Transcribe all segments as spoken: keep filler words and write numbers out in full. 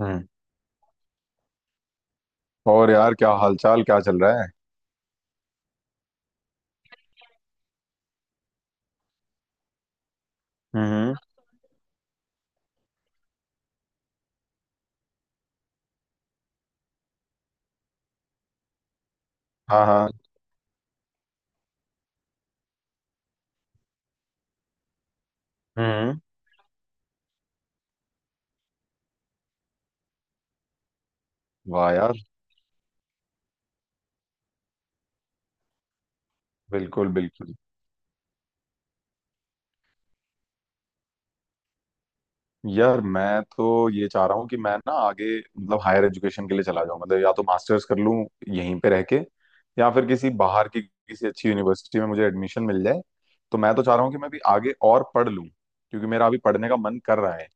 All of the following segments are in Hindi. हम्म। और यार, क्या हालचाल, क्या चल रहा है? हम्म। हाँ हाँ। हम्म। वाह यार। बिल्कुल बिल्कुल। यार मैं तो ये चाह रहा हूँ कि मैं ना आगे मतलब हायर एजुकेशन के लिए चला जाऊँ, मतलब या तो मास्टर्स कर लूँ यहीं पे रह के, या फिर किसी बाहर की किसी अच्छी यूनिवर्सिटी में मुझे एडमिशन मिल जाए। तो मैं तो चाह रहा हूँ कि मैं भी आगे और पढ़ लूँ, क्योंकि मेरा अभी पढ़ने का मन कर रहा है।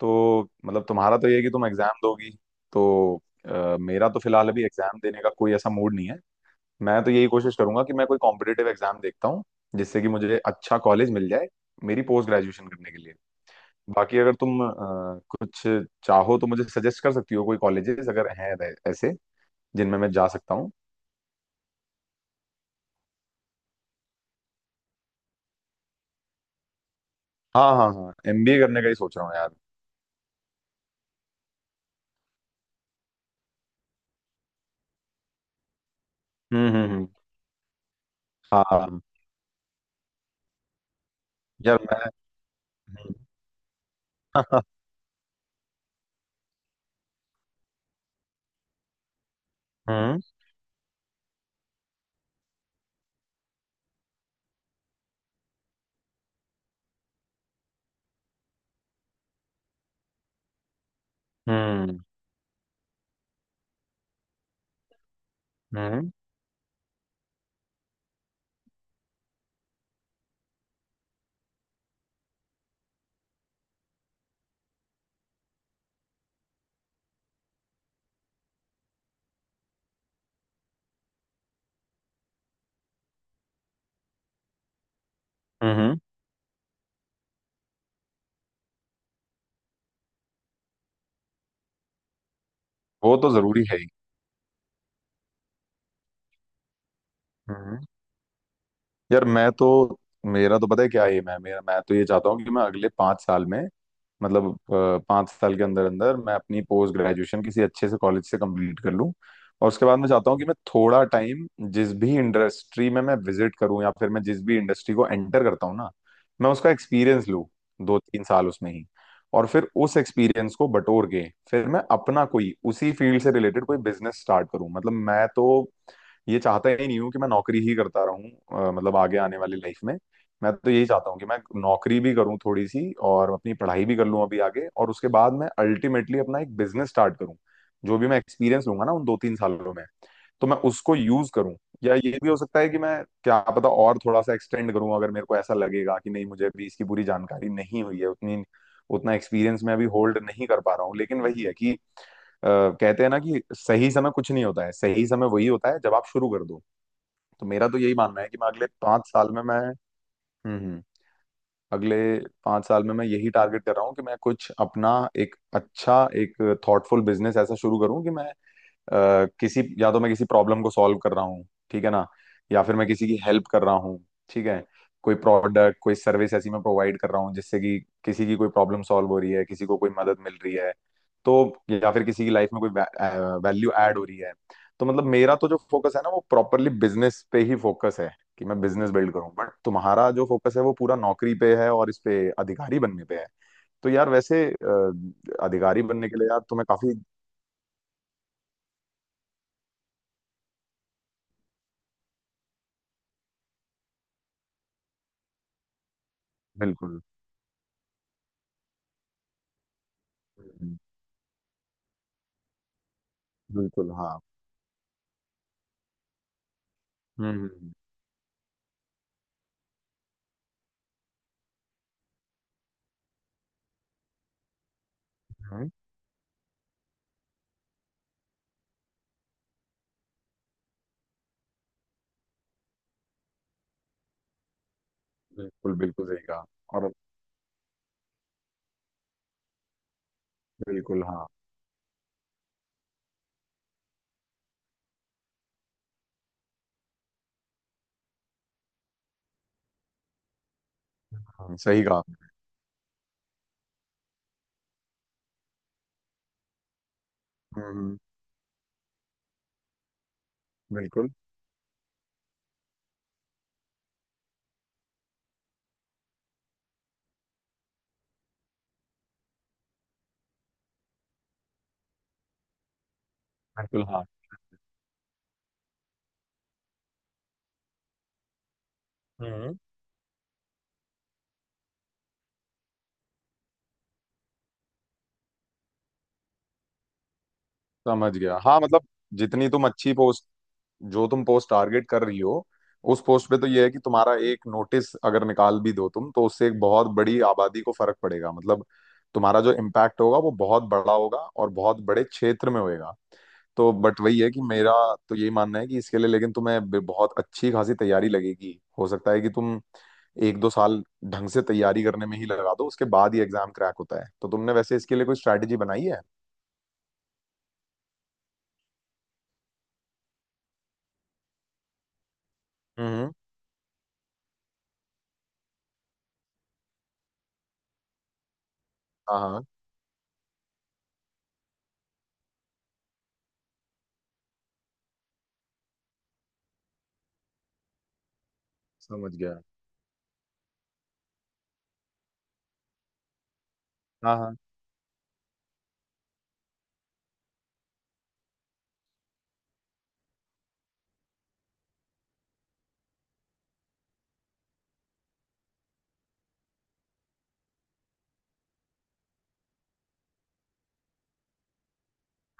तो मतलब तुम्हारा तो ये है कि तुम एग्जाम दोगी। तो अ, मेरा तो फिलहाल अभी एग्जाम देने का कोई ऐसा मूड नहीं है। मैं तो यही कोशिश करूंगा कि मैं कोई कॉम्पिटिटिव एग्जाम देखता हूँ, जिससे कि मुझे अच्छा कॉलेज मिल जाए मेरी पोस्ट ग्रेजुएशन करने के लिए। बाकी अगर तुम अ, कुछ चाहो तो मुझे सजेस्ट कर सकती हो कोई कॉलेजेस अगर हैं ऐ- ऐसे जिनमें मैं जा सकता हूँ। हाँ हाँ हाँ, एमबीए करने का ही सोच रहा हूँ यार। हम्म हम्म हम्म। हाँ हाँ, यार मैं। हम्म। हम्म हम्म हम्म। हम्म। वो तो जरूरी है ही। हम्म। यार मैं तो, मेरा तो पता है क्या एम है मेरा। मैं तो ये चाहता हूँ कि मैं अगले पांच साल में, मतलब अ, पाँच साल के अंदर अंदर मैं अपनी पोस्ट ग्रेजुएशन किसी अच्छे से कॉलेज से कंप्लीट कर लूँ, और उसके बाद मैं चाहता हूँ कि मैं थोड़ा टाइम जिस भी इंडस्ट्री में मैं विजिट करूँ, या फिर मैं जिस भी इंडस्ट्री को एंटर करता हूँ ना, मैं उसका एक्सपीरियंस लूँ, दो तीन साल उसमें ही। और फिर उस एक्सपीरियंस को बटोर के फिर मैं अपना कोई उसी फील्ड से रिलेटेड कोई बिजनेस स्टार्ट करूँ। मतलब मैं तो ये चाहता ही नहीं हूँ कि मैं नौकरी ही करता रहूँ अ, मतलब आगे आने वाली लाइफ में। मैं तो यही चाहता हूँ कि मैं नौकरी भी करूँ थोड़ी सी और अपनी पढ़ाई भी कर लूँ अभी आगे, और उसके बाद मैं अल्टीमेटली अपना एक बिजनेस स्टार्ट करूँ। जो भी मैं एक्सपीरियंस लूंगा ना उन दो तीन सालों में तो मैं उसको यूज करूँ। या ये भी हो सकता है कि मैं, क्या पता, और थोड़ा सा एक्सटेंड करूँ, अगर मेरे को ऐसा लगेगा कि नहीं मुझे अभी इसकी पूरी जानकारी नहीं हुई है उतनी, उतना एक्सपीरियंस मैं अभी होल्ड नहीं कर पा रहा हूँ। लेकिन वही है कि अ, कहते हैं ना कि सही समय कुछ नहीं होता है, सही समय वही होता है जब आप शुरू कर दो। तो मेरा तो यही मानना है कि मैं अगले पांच साल में मैं। हम्म हम्म। अगले पाँच साल में मैं यही टारगेट कर रहा हूँ कि मैं कुछ अपना एक अच्छा एक थॉटफुल बिजनेस ऐसा शुरू करूँ कि मैं अ, किसी, या तो मैं किसी प्रॉब्लम को सॉल्व कर रहा हूँ, ठीक है ना, या फिर मैं किसी की हेल्प कर रहा हूँ, ठीक है, कोई प्रोडक्ट कोई सर्विस ऐसी मैं प्रोवाइड कर रहा हूँ जिससे कि किसी की कोई प्रॉब्लम सॉल्व हो रही है, किसी को कोई मदद मिल रही है, तो या फिर किसी की लाइफ में कोई वैल्यू ऐड हो रही है। तो मतलब मेरा तो जो फोकस है ना वो प्रॉपरली बिजनेस पे ही फोकस है, कि मैं बिजनेस बिल्ड करूं, बट तुम्हारा जो फोकस है वो पूरा नौकरी पे है और इस पे अधिकारी बनने पे है। तो यार वैसे अ, अधिकारी बनने के लिए यार तुम्हें काफी। बिल्कुल बिल्कुल हाँ। हम्म हम्म। हम्म। बिल्कुल बिल्कुल सही कहा। और बिल्कुल हाँ। हाँ सही कहा आपने। हम्म हम्म। बिल्कुल बिल्कुल हाँ। हम्म। समझ गया, हाँ मतलब जितनी तुम अच्छी पोस्ट, जो तुम पोस्ट टारगेट कर रही हो, उस पोस्ट पे तो ये है कि तुम्हारा एक नोटिस अगर निकाल भी दो तुम, तो उससे एक बहुत बड़ी आबादी को फर्क पड़ेगा, मतलब तुम्हारा जो इम्पैक्ट होगा वो बहुत बड़ा होगा और बहुत बड़े क्षेत्र में होएगा। तो बट वही है कि मेरा तो यही मानना है कि इसके लिए, लेकिन तुम्हें ब- बहुत अच्छी खासी तैयारी लगेगी। हो सकता है कि तुम एक दो साल ढंग से तैयारी करने में ही लगा दो, उसके बाद ही एग्जाम क्रैक होता है। तो तुमने वैसे इसके लिए कोई स्ट्रैटेजी बनाई है? हम्म। हाँ हाँ। समझ गया। हाँ हाँ।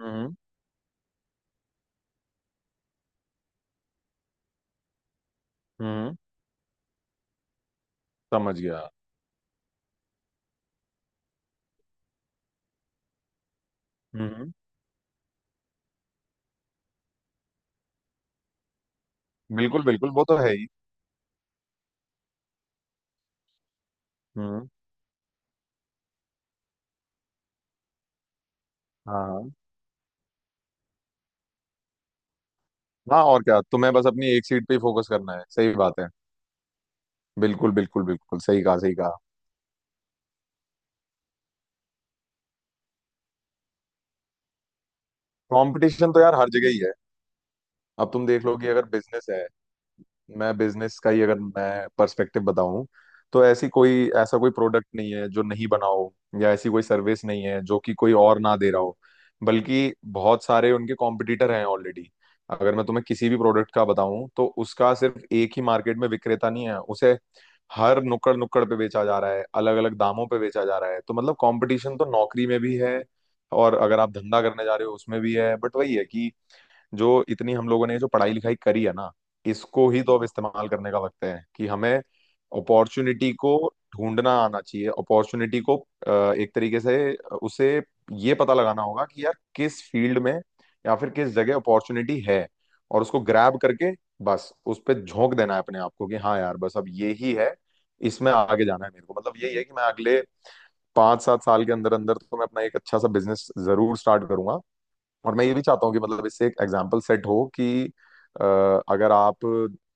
हम्म हम्म। समझ गया। हम्म। बिल्कुल बिल्कुल, वो तो है ही। हम्म। हाँ हाँ हाँ, और क्या तुम्हें बस अपनी एक सीट पे ही फोकस करना है, सही बात है। बिल्कुल बिल्कुल बिल्कुल सही कहा, सही कहा। कंपटीशन तो यार हर जगह ही है। अब तुम देख लो कि अगर बिजनेस है, मैं बिजनेस का ही अगर मैं पर्सपेक्टिव बताऊं, तो ऐसी कोई, ऐसा कोई प्रोडक्ट नहीं है जो नहीं बना हो, या ऐसी कोई सर्विस नहीं है जो कि कोई और ना दे रहा हो, बल्कि बहुत सारे उनके कॉम्पिटिटर हैं ऑलरेडी। अगर मैं तुम्हें किसी भी प्रोडक्ट का बताऊं तो उसका सिर्फ एक ही मार्केट में विक्रेता नहीं है उसे, हर नुक्कड़ नुक्कड़ पे बेचा जा रहा है, अलग अलग दामों पे बेचा जा रहा है। तो मतलब कंपटीशन तो नौकरी में भी है, और अगर आप धंधा करने जा रहे हो उसमें भी है। बट वही है कि जो इतनी हम लोगों ने जो पढ़ाई लिखाई करी है ना, इसको ही तो अब इस्तेमाल करने का वक्त है, कि हमें अपॉर्चुनिटी को ढूंढना आना चाहिए। अपॉर्चुनिटी को अ, एक तरीके से उसे ये पता लगाना होगा कि यार किस फील्ड में या फिर किस जगह अपॉर्चुनिटी है, और उसको ग्रैब करके बस उस पर झोंक देना है अपने आप को कि हाँ यार बस अब ये ही है, इसमें आगे जाना है मेरे को। मतलब यही है कि मैं अगले पांच सात साल के अंदर अंदर तो मैं अपना एक अच्छा सा बिजनेस जरूर स्टार्ट करूंगा। और मैं ये भी चाहता हूँ कि मतलब इससे एक एग्जाम्पल सेट हो कि अ, अगर आप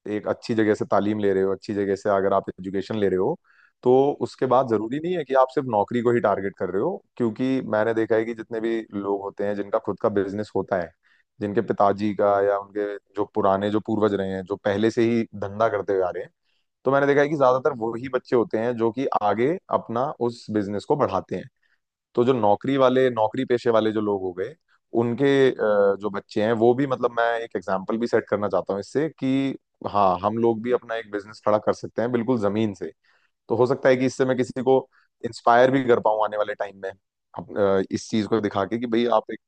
एक अच्छी जगह से तालीम ले रहे हो, अच्छी जगह से अगर आप एजुकेशन ले रहे हो, तो उसके बाद जरूरी नहीं है कि आप सिर्फ नौकरी को ही टारगेट कर रहे हो। क्योंकि मैंने देखा है कि जितने भी लोग होते हैं जिनका खुद का बिजनेस होता है, जिनके पिताजी का या उनके जो पुराने, जो पूर्वज रहे हैं, जो पहले से ही धंधा करते हुए आ रहे हैं, तो मैंने देखा है कि ज्यादातर वही बच्चे होते हैं जो कि आगे अपना उस बिजनेस को बढ़ाते हैं। तो जो नौकरी वाले, नौकरी पेशे वाले जो लोग हो गए, उनके अ, जो बच्चे हैं वो भी, मतलब मैं एक एग्जाम्पल भी सेट करना चाहता हूँ इससे कि हाँ हम लोग भी अपना एक बिजनेस खड़ा कर सकते हैं, बिल्कुल जमीन से। तो हो सकता है कि इससे मैं किसी को इंस्पायर भी कर पाऊँ आने वाले टाइम में, अप- अ, इस चीज को दिखा के कि भाई आप एक।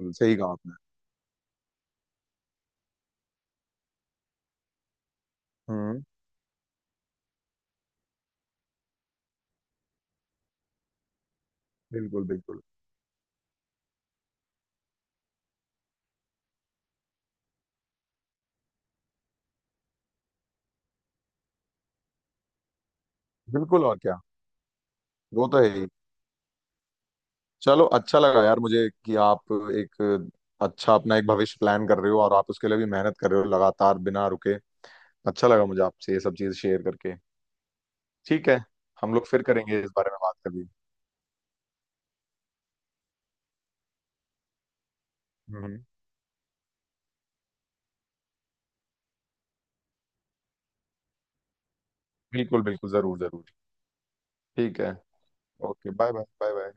हम्म, सही कहा आपने। हम्म। बिल्कुल बिल्कुल बिल्कुल। और क्या, वो तो है ही। चलो अच्छा लगा यार मुझे कि आप एक अच्छा अपना एक भविष्य प्लान कर रहे हो, और आप उसके लिए भी मेहनत कर रहे हो लगातार बिना रुके। अच्छा लगा मुझे आपसे ये सब चीज़ शेयर करके। ठीक है, हम लोग फिर करेंगे इस बारे में बात कभी। हम्म। बिल्कुल बिल्कुल, जरूर जरूर। ठीक है। Okay bye bye bye bye.